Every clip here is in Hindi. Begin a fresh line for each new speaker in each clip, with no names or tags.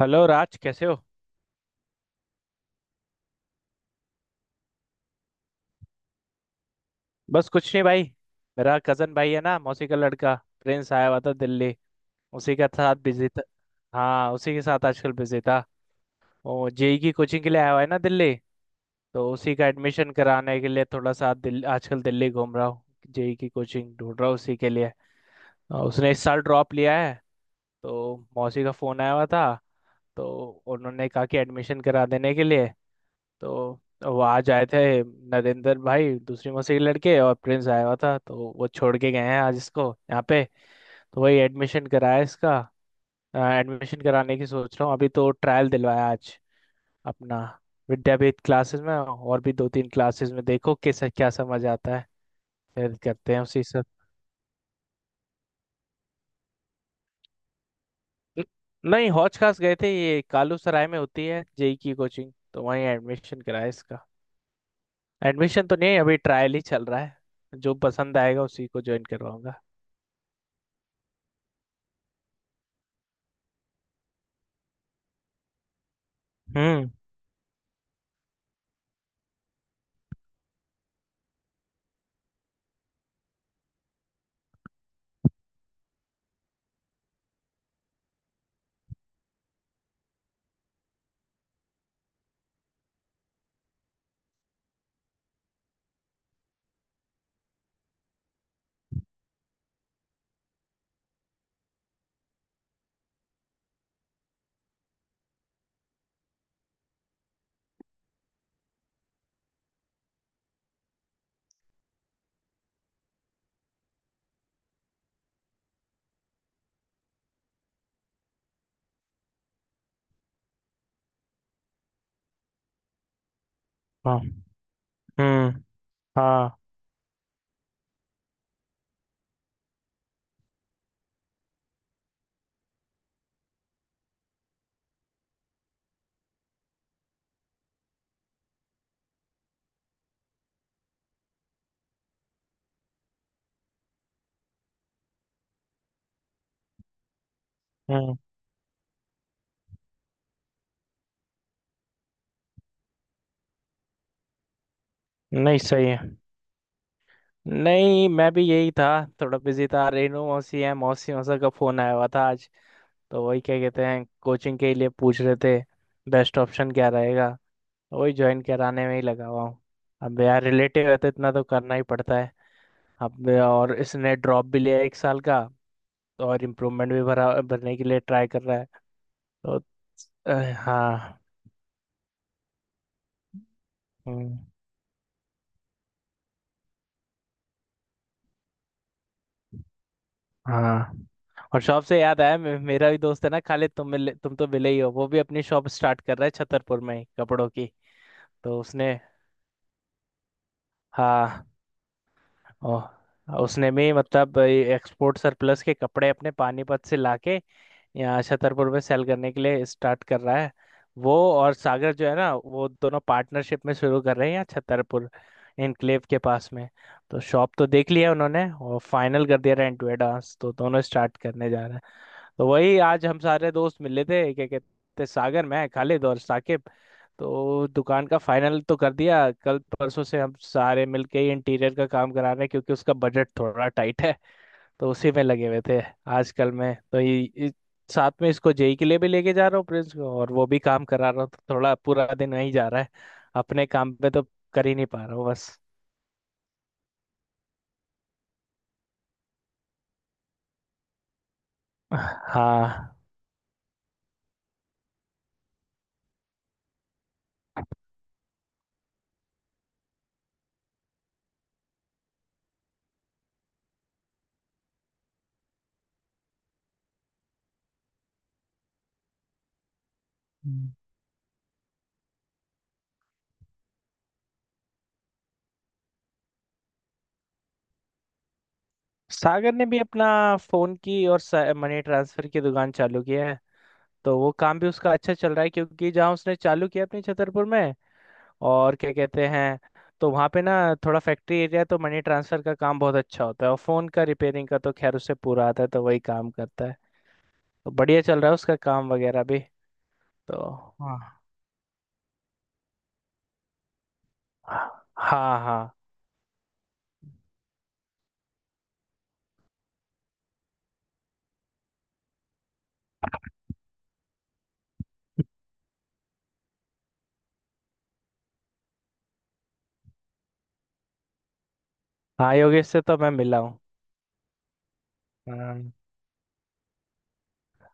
हेलो राज, कैसे हो? बस कुछ नहीं भाई। मेरा कजन भाई है ना, मौसी का लड़का प्रिंस आया हुआ था दिल्ली। उसी का साथ बिजी था। हाँ, उसी के साथ आजकल बिजी था। वो जेई की कोचिंग के लिए आया हुआ है ना दिल्ली। तो उसी का एडमिशन कराने के लिए थोड़ा सा आजकल दिल्ली घूम रहा हूँ। जेई की कोचिंग ढूंढ रहा हूँ उसी के लिए। और उसने इस साल ड्रॉप लिया है। तो मौसी का फोन आया हुआ था। तो उन्होंने कहा कि एडमिशन करा देने के लिए। तो वो आज आए थे। नरेंद्र भाई, दूसरी मसीह के लड़के, और प्रिंस आया हुआ था तो वो छोड़ के गए हैं आज इसको यहाँ पे। तो वही एडमिशन कराया इसका। एडमिशन कराने की सोच रहा हूँ, अभी तो ट्रायल दिलवाया आज अपना। विद्यापीठ क्लासेस में और भी दो तीन क्लासेस में, देखो किस क्या समझ आता है, फिर करते हैं उसी सब। न- नहीं, हौज खास गए थे। ये कालू सराय में होती है जेई की कोचिंग, तो वहीं एडमिशन कराया इसका। एडमिशन तो नहीं है अभी, ट्रायल ही चल रहा है। जो पसंद आएगा उसी को ज्वाइन करवाऊंगा। हम्म। हाँ। हम्म। हाँ। हम्म। नहीं सही है। नहीं, मैं भी यही था। थोड़ा बिजी था। रेनू मौसी है, मौसी मौसा का फोन आया हुआ था आज। तो वही, क्या कहते हैं, कोचिंग के लिए पूछ रहे थे। बेस्ट ऑप्शन क्या रहेगा, वही ज्वाइन कराने में ही लगा हुआ हूँ। अब यार, रिलेटिव है तो इतना तो करना ही पड़ता है। अब और इसने ड्रॉप भी लिया एक साल का। और इम्प्रूवमेंट भी भरा, भरने के लिए ट्राई कर रहा है। तो अ, हाँ। हम्म। हाँ, और शॉप से याद आया, मेरा भी दोस्त है ना खालिद, तुम मिले, तुम तो मिले ही हो। वो भी अपनी शॉप स्टार्ट कर रहा है छतरपुर में ही, कपड़ों की। तो उसने, हाँ, ओ, उसने भी मतलब एक्सपोर्ट सरप्लस के कपड़े अपने पानीपत से लाके यहाँ छतरपुर में सेल करने के लिए स्टार्ट कर रहा है। वो और सागर जो है ना, वो दोनों पार्टनरशिप में शुरू कर रहे हैं यहाँ छतरपुर इनक्लेव के पास में। तो शॉप तो देख लिया उन्होंने और फाइनल कर दिया, रेंट टू एडवांस, तो दोनों स्टार्ट करने जा रहे हैं। तो वही आज हम सारे दोस्त मिले थे, क्या कहते, सागर, मैं, खालिद और साकिब। तो दुकान का फाइनल तो कर दिया, कल परसों से हम सारे मिलके ही इंटीरियर का काम करा रहे हैं क्योंकि उसका बजट थोड़ा टाइट है। तो उसी में लगे हुए थे आजकल में। तो साथ में इसको जेई के लिए भी लेके जा रहा हूँ, प्रिंस को, और वो भी काम करा रहा हूँ। तो थोड़ा पूरा दिन वहीं जा रहा है, अपने काम पे तो कर ही नहीं पा रहा हूँ बस। हाँ। हम्म। सागर ने भी अपना फोन की और मनी ट्रांसफर की दुकान चालू किया है। तो वो काम भी उसका अच्छा चल रहा है क्योंकि जहाँ उसने चालू किया अपने छतरपुर में, और क्या कहते हैं, तो वहाँ पे ना थोड़ा फैक्ट्री एरिया है, तो मनी ट्रांसफर का काम बहुत अच्छा होता है। और फोन का रिपेयरिंग का तो खैर उसे पूरा आता है, तो वही काम करता है। तो बढ़िया चल रहा है उसका काम वगैरह भी। तो हाँ। हाँ हाँ। हाँ, योगेश से तो मैं मिला हूँ। हाँ।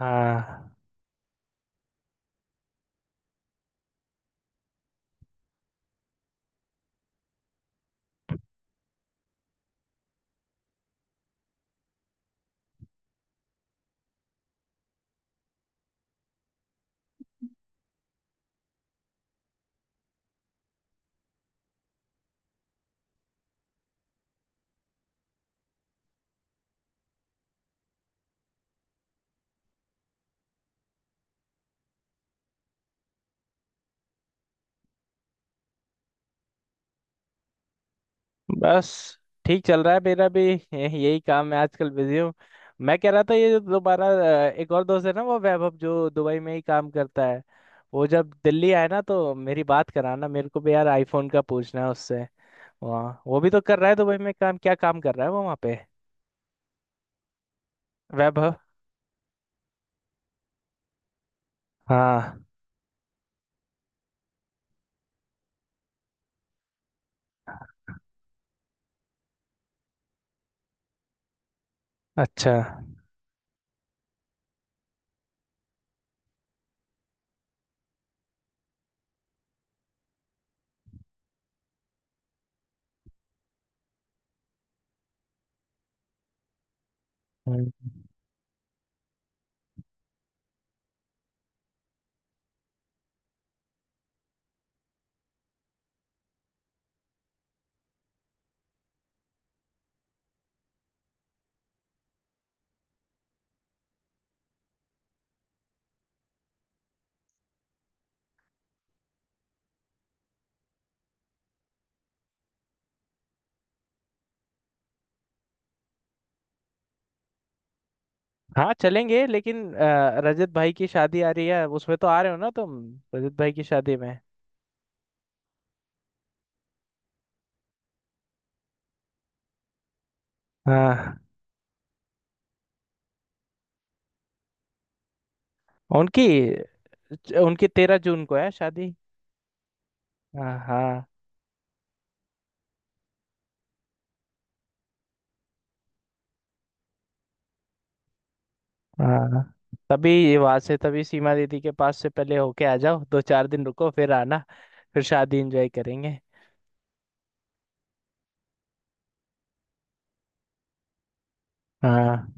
हाँ। बस ठीक चल रहा है, मेरा भी यही काम है आजकल, बिजी हूँ। मैं कह रहा था, ये जो दोबारा एक और दोस्त है ना वो वैभव, जो दुबई में ही काम करता है, वो जब दिल्ली आए ना तो मेरी बात कराना। मेरे को भी यार आईफोन का पूछना है उससे। वहाँ वो भी तो कर रहा है दुबई में काम, क्या काम कर रहा है वो वहाँ पे? वैभव। हाँ। अच्छा। हम्म। हाँ चलेंगे, लेकिन रजत भाई की शादी आ रही है, उसमें तो आ रहे हो ना तुम? रजत भाई की शादी में। हाँ। उनकी, उनकी 13 जून को है शादी। हाँ हाँ। हाँ, तभी वहां से, तभी सीमा दीदी के पास से पहले होके आ जाओ, दो चार दिन रुको फिर आना, फिर शादी एंजॉय करेंगे। हाँ।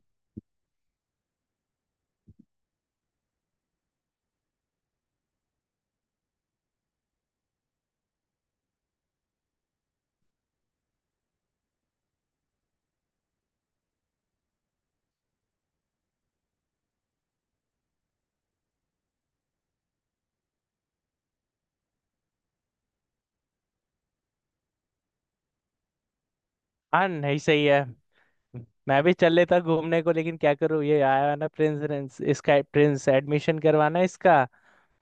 हाँ नहीं, सही है। मैं भी चल लेता घूमने को, लेकिन क्या करूँ, ये आया है ना प्रिंस प्रिंस इसका प्रिंस एडमिशन करवाना है इसका,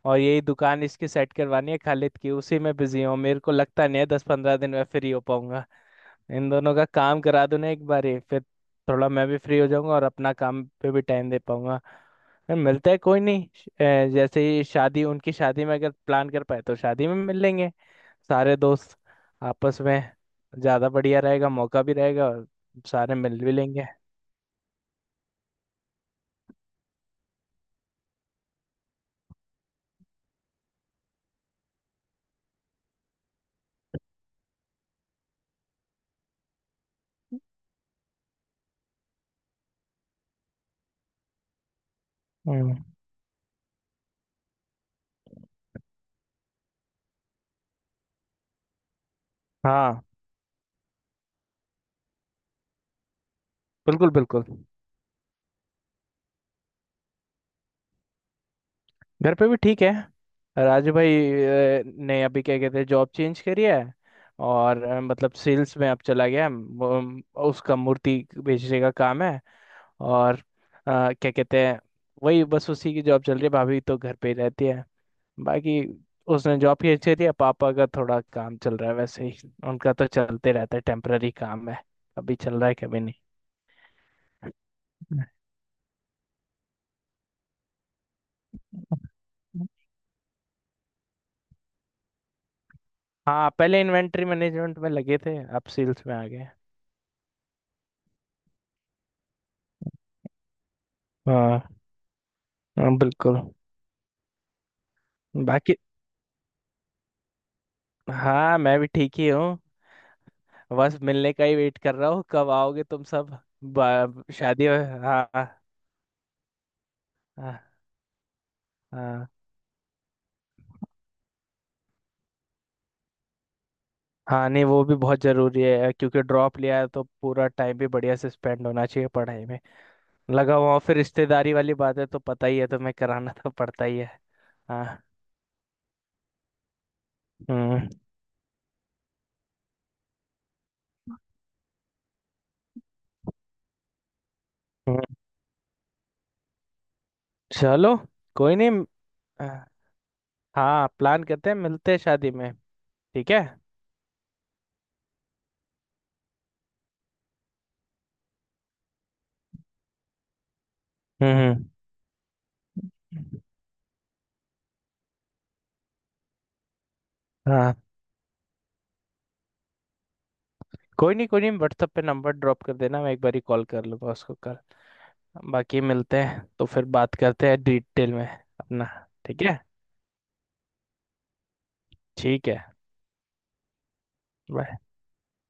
और यही दुकान इसकी सेट करवानी है खालिद की, उसी में बिजी हूँ। मेरे को लगता नहीं है 10-15 दिन में फ्री हो पाऊंगा। इन दोनों का काम करा दूं ना एक बार ही, फिर थोड़ा मैं भी फ्री हो जाऊंगा और अपना काम पे भी टाइम दे पाऊंगा। फिर मिलते हैं, कोई नहीं। जैसे ही शादी, उनकी शादी में अगर प्लान कर पाए तो शादी में मिल लेंगे सारे दोस्त आपस में, ज़्यादा बढ़िया रहेगा, मौका भी रहेगा और सारे मिल भी लेंगे। हम्म। हाँ, बिल्कुल बिल्कुल। घर पे भी ठीक है। राजू भाई ने अभी, क्या कहते हैं, जॉब चेंज करी है, और मतलब सेल्स में अब चला गया है। उसका मूर्ति बेचने का काम है। और क्या कहते हैं, वही बस उसी की जॉब चल रही है। भाभी तो घर पे ही रहती है। बाकी उसने जॉब की अच्छी थी। पापा का थोड़ा काम चल रहा है, वैसे ही उनका तो चलते रहता है, टेम्पररी काम है, कभी चल रहा है कभी नहीं। हाँ, पहले इन्वेंट्री मैनेजमेंट में लगे थे, अब सेल्स में आ गए। हाँ हाँ, बिल्कुल। बाकी हाँ, मैं भी ठीक ही हूँ, बस मिलने का ही वेट कर रहा हूँ कब आओगे तुम सब। शादी। हाँ हाँ। हाँ। हाँ नहीं, वो भी बहुत जरूरी है क्योंकि ड्रॉप लिया है तो पूरा टाइम भी बढ़िया से स्पेंड होना चाहिए पढ़ाई में। लगा हुआ हूँ, फिर रिश्तेदारी वाली बात है तो पता ही है तुम्हें, कराना तो पड़ता ही है। हाँ। हम्म। हम्म, चलो, कोई नहीं। हाँ, प्लान करते हैं, मिलते हैं शादी में। ठीक है। हम्म। हाँ, कोई नहीं, कोई नहीं, व्हाट्सएप पे नंबर ड्रॉप कर देना, मैं एक बार ही कॉल कर लूंगा उसको कर। बाकी मिलते हैं तो फिर बात करते हैं डिटेल में अपना। ठीक है। ठीक है। Bye।